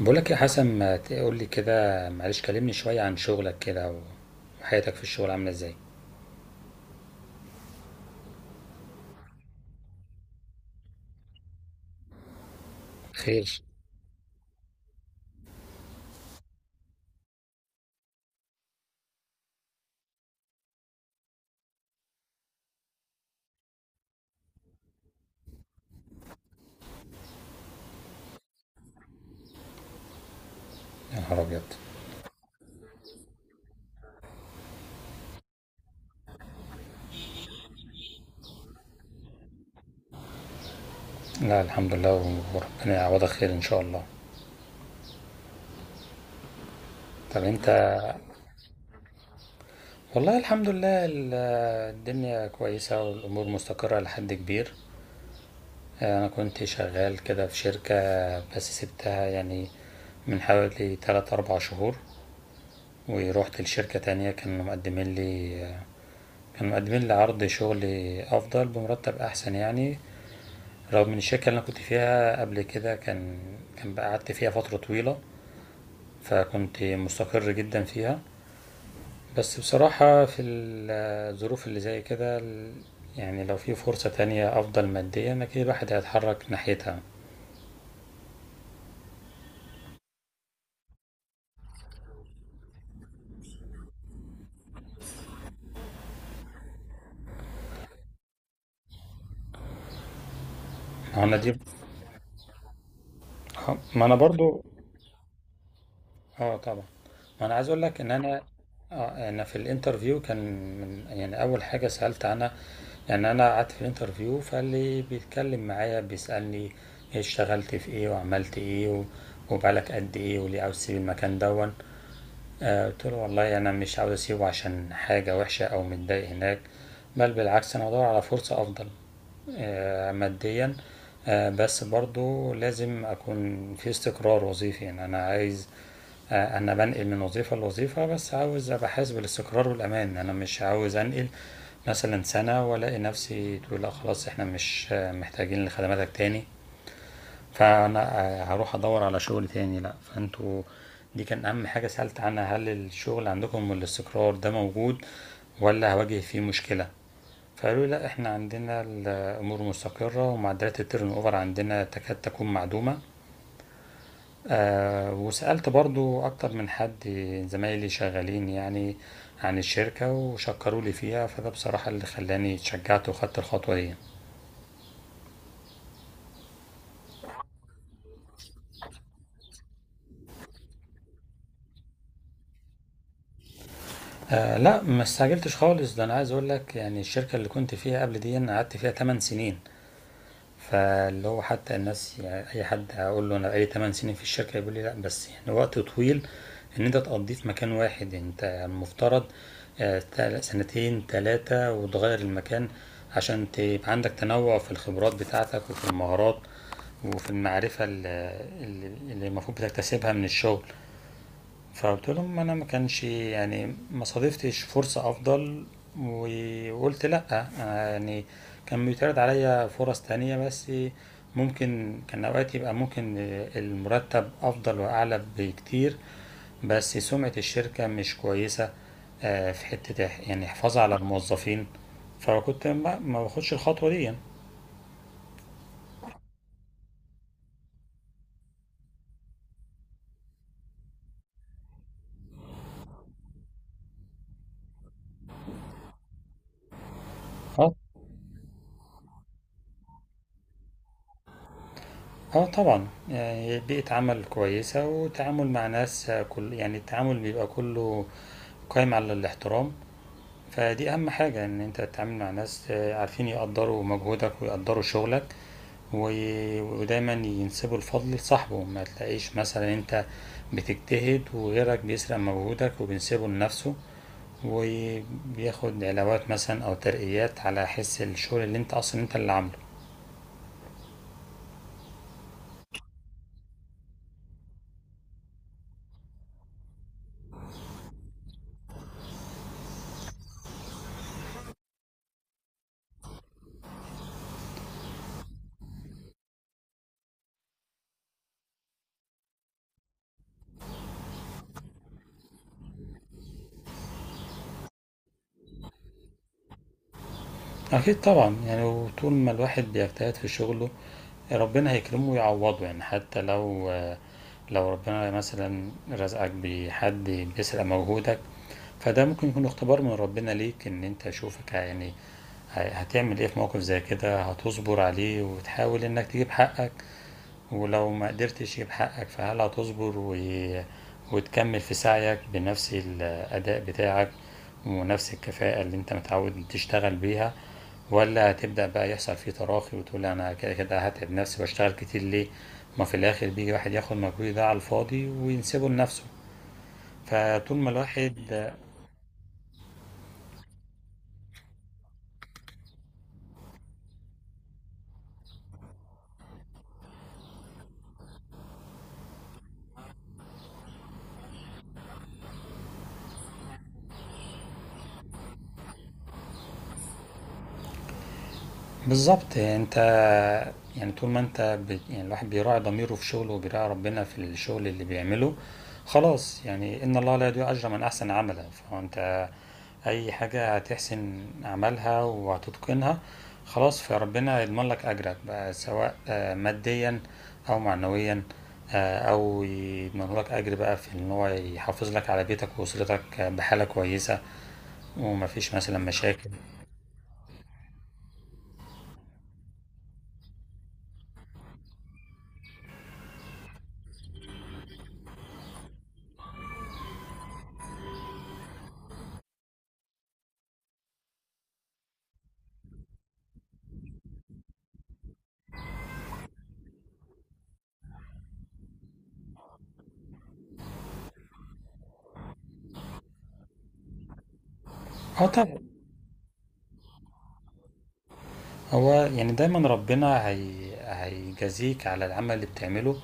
بقولك يا حسن، ما تقول لي كده؟ معلش، كلمني شوية عن شغلك كده وحياتك في الشغل عاملة ازاي. خير. يا نهار أبيض. لا الحمد لله وربنا يعوضك خير إن شاء الله. طب أنت، والله الحمد لله الدنيا كويسة والأمور مستقرة لحد كبير. أنا كنت شغال كده في شركة بس سبتها يعني من حوالي تلات أربع شهور، ورحت لشركة تانية كانوا مقدمين لي، عرض شغل أفضل بمرتب أحسن يعني. رغم ان الشركة اللي انا كنت فيها قبل كده كان بقى قعدت فيها فترة طويلة فكنت مستقر جدا فيها. بس بصراحة في الظروف اللي زي كده يعني لو في فرصة تانية أفضل ماديا أكيد الواحد هيتحرك ناحيتها. ما هو أنا دي، ما أنا برضو، اه طبعا. ما انا عايز اقول لك ان انا، انا في الانترفيو كان من يعني اول حاجه سالت عنها، يعني انا قعدت في الانترفيو فاللي بيتكلم معايا بيسالني إيه، اشتغلت في ايه وعملت ايه وبقالك قد ايه وليه عاوز تسيب المكان دون. قلت له والله انا مش عاوز اسيبه عشان حاجه وحشه او متضايق هناك، بل بالعكس انا بدور على فرصه افضل ماديا. بس برضو لازم أكون في استقرار وظيفي، يعني أنا عايز، أنا بنقل من وظيفة لوظيفة بس عاوز أبقى حاسس بالاستقرار والأمان، أنا مش عاوز أنقل مثلا سنة وألاقي نفسي تقول لا خلاص إحنا مش محتاجين لخدماتك تاني، فأنا هروح أدور على شغل تاني، لأ فأنتوا دي كان أهم حاجة سألت عنها، هل الشغل عندكم والاستقرار ده موجود ولا هواجه فيه مشكلة؟ فقالوا لي لا احنا عندنا الامور مستقره ومعدلات التيرن اوفر عندنا تكاد تكون معدومه. آه، وسالت برضو اكتر من حد زمايلي شغالين يعني عن الشركه وشكروا لي فيها، فده بصراحه اللي خلاني اتشجعت وخدت الخطوه دي. آه لا ما استعجلتش خالص، ده انا عايز اقول لك يعني الشركه اللي كنت فيها قبل دي أنا قعدت فيها 8 سنين، فاللي هو حتى الناس يعني اي حد هقول له انا بقالي 8 سنين في الشركه يقول لي لا بس يعني وقت طويل ان انت تقضيه في مكان واحد، انت المفترض سنتين تلاتة وتغير المكان عشان تبقى عندك تنوع في الخبرات بتاعتك وفي المهارات وفي المعرفة اللي المفروض بتكتسبها من الشغل. فقلت لهم انا ما كانش يعني ما صادفتش فرصة افضل وقلت لا أنا يعني كان بيتعرض عليا فرص تانية بس ممكن كان اوقات يبقى ممكن المرتب افضل واعلى بكتير بس سمعة الشركة مش كويسة في حتة يعني حفاظ على الموظفين، فكنت ما باخدش الخطوة دي يعني. اه. اه طبعا يعني بيئة عمل كويسة وتعامل مع ناس كل يعني التعامل بيبقى كله قايم على الاحترام. فدي اهم حاجة ان انت تتعامل مع ناس عارفين يقدروا مجهودك ويقدروا شغلك ودايما ينسبوا الفضل لصاحبه، ما تلاقيش مثلا انت بتجتهد وغيرك بيسرق مجهودك وبينسبه لنفسه وبياخد علاوات مثلا او ترقيات على حس الشغل اللي انت اصلا انت اللي عامله. اكيد طبعا، يعني وطول ما الواحد بيجتهد في شغله ربنا هيكرمه ويعوضه. يعني حتى لو لو ربنا مثلا رزقك بحد بيسرق مجهودك فده ممكن يكون اختبار من ربنا ليك ان انت شوفك يعني هتعمل ايه في موقف زي كده، هتصبر عليه وتحاول انك تجيب حقك، ولو ما قدرتش تجيب حقك فهل هتصبر وتكمل في سعيك بنفس الأداء بتاعك ونفس الكفاءة اللي انت متعود تشتغل بيها، ولا هتبدأ بقى يحصل فيه تراخي وتقول لا أنا كده كده هتعب نفسي وأشتغل كتير ليه ما في الآخر بيجي واحد ياخد مجهود ده على الفاضي وينسبه لنفسه. فطول ما الواحد بالضبط انت، يعني طول ما يعني الواحد بيراعي ضميره في شغله وبيراعي ربنا في الشغل اللي بيعمله خلاص، يعني ان الله لا يضيع اجر من احسن عملا. فانت اي حاجة هتحسن عملها وهتتقنها خلاص فربنا يضمن لك اجرك بقى، سواء ماديا او معنويا، او يضمن لك اجر بقى في ان هو يحافظ لك على بيتك واسرتك بحالة كويسة ومفيش مثلا مشاكل. اه طبعا. هو يعني دايما هيجازيك على العمل اللي بتعمله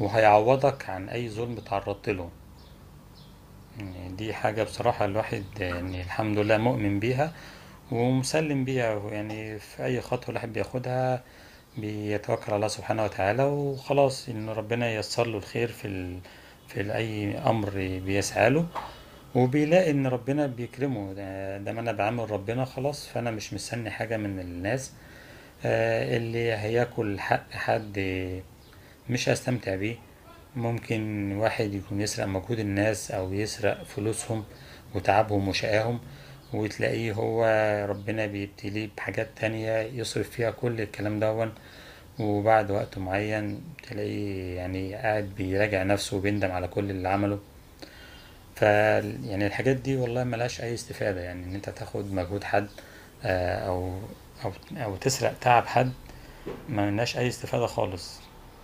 وهيعوضك عن أي ظلم تعرضت له. يعني دي حاجة بصراحة الواحد يعني الحمد لله مؤمن بيها ومسلم بيها. يعني في أي خطوة الواحد بياخدها بيتوكل على الله سبحانه وتعالى وخلاص، إن ربنا ييسر له الخير في في أي أمر بيسعى له، وبيلاقي إن ربنا بيكرمه. ده ما أنا بعمل ربنا خلاص، فأنا مش مستني حاجة من الناس اللي هياكل حق حد مش هستمتع بيه. ممكن واحد يكون يسرق مجهود الناس او يسرق فلوسهم وتعبهم وشقاهم، وتلاقيه هو ربنا بيبتليه بحاجات تانية يصرف فيها كل الكلام دون، وبعد وقت معين تلاقيه يعني قاعد بيراجع نفسه وبيندم على كل اللي عمله. ف يعني الحاجات دي والله ملهاش اي استفادة، يعني ان انت تاخد مجهود حد آه، او او او تسرق تعب حد ما مناش اي استفادة خالص.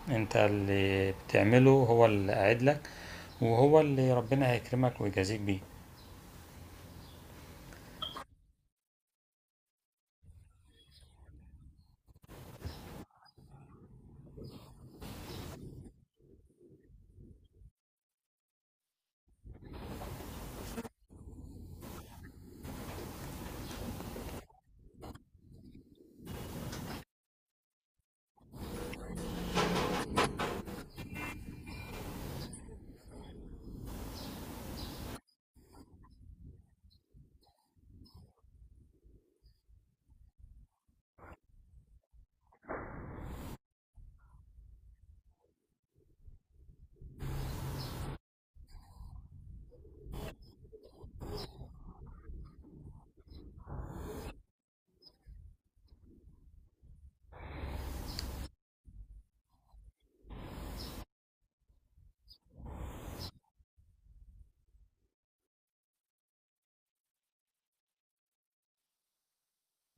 انت اللي بتعمله هو اللي قاعد لك وهو اللي ربنا هيكرمك ويجازيك بيه.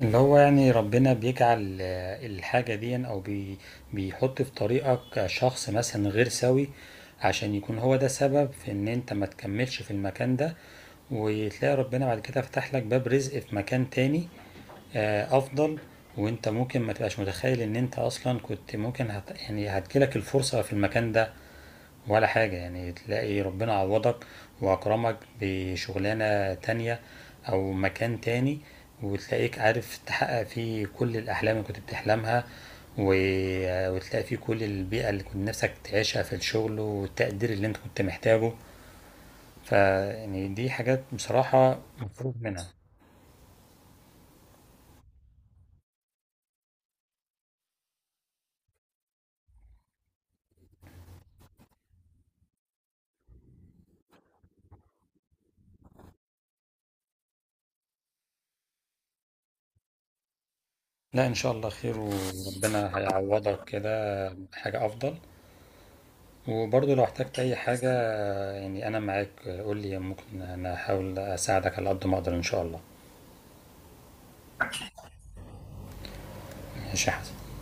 اللي هو يعني ربنا بيجعل آه، الحاجة دي او بي بيحط في طريقك شخص مثلا غير سوي عشان يكون هو ده سبب في ان انت ما تكملش في المكان ده، وتلاقي ربنا بعد كده فتح لك باب رزق في مكان تاني افضل. وانت ممكن ما تبقاش متخيل ان انت اصلا كنت ممكن يعني هتجيلك الفرصة في المكان ده ولا حاجة، يعني تلاقي ربنا عوضك وأكرمك بشغلانة تانية أو مكان تاني، وتلاقيك عارف تحقق فيه كل الأحلام اللي كنت بتحلمها وتلاقي فيه كل البيئة اللي كنت نفسك تعيشها في الشغل والتقدير اللي انت كنت محتاجه. فيعني دي حاجات بصراحة مفروغ منها. لا إن شاء الله خير، وربنا هيعوضك كده حاجة أفضل. وبرضه لو احتجت اي حاجة، يعني انا معاك قول لي، ممكن انا احاول اساعدك على قد ما اقدر ان شاء الله. ماشي يا حسن.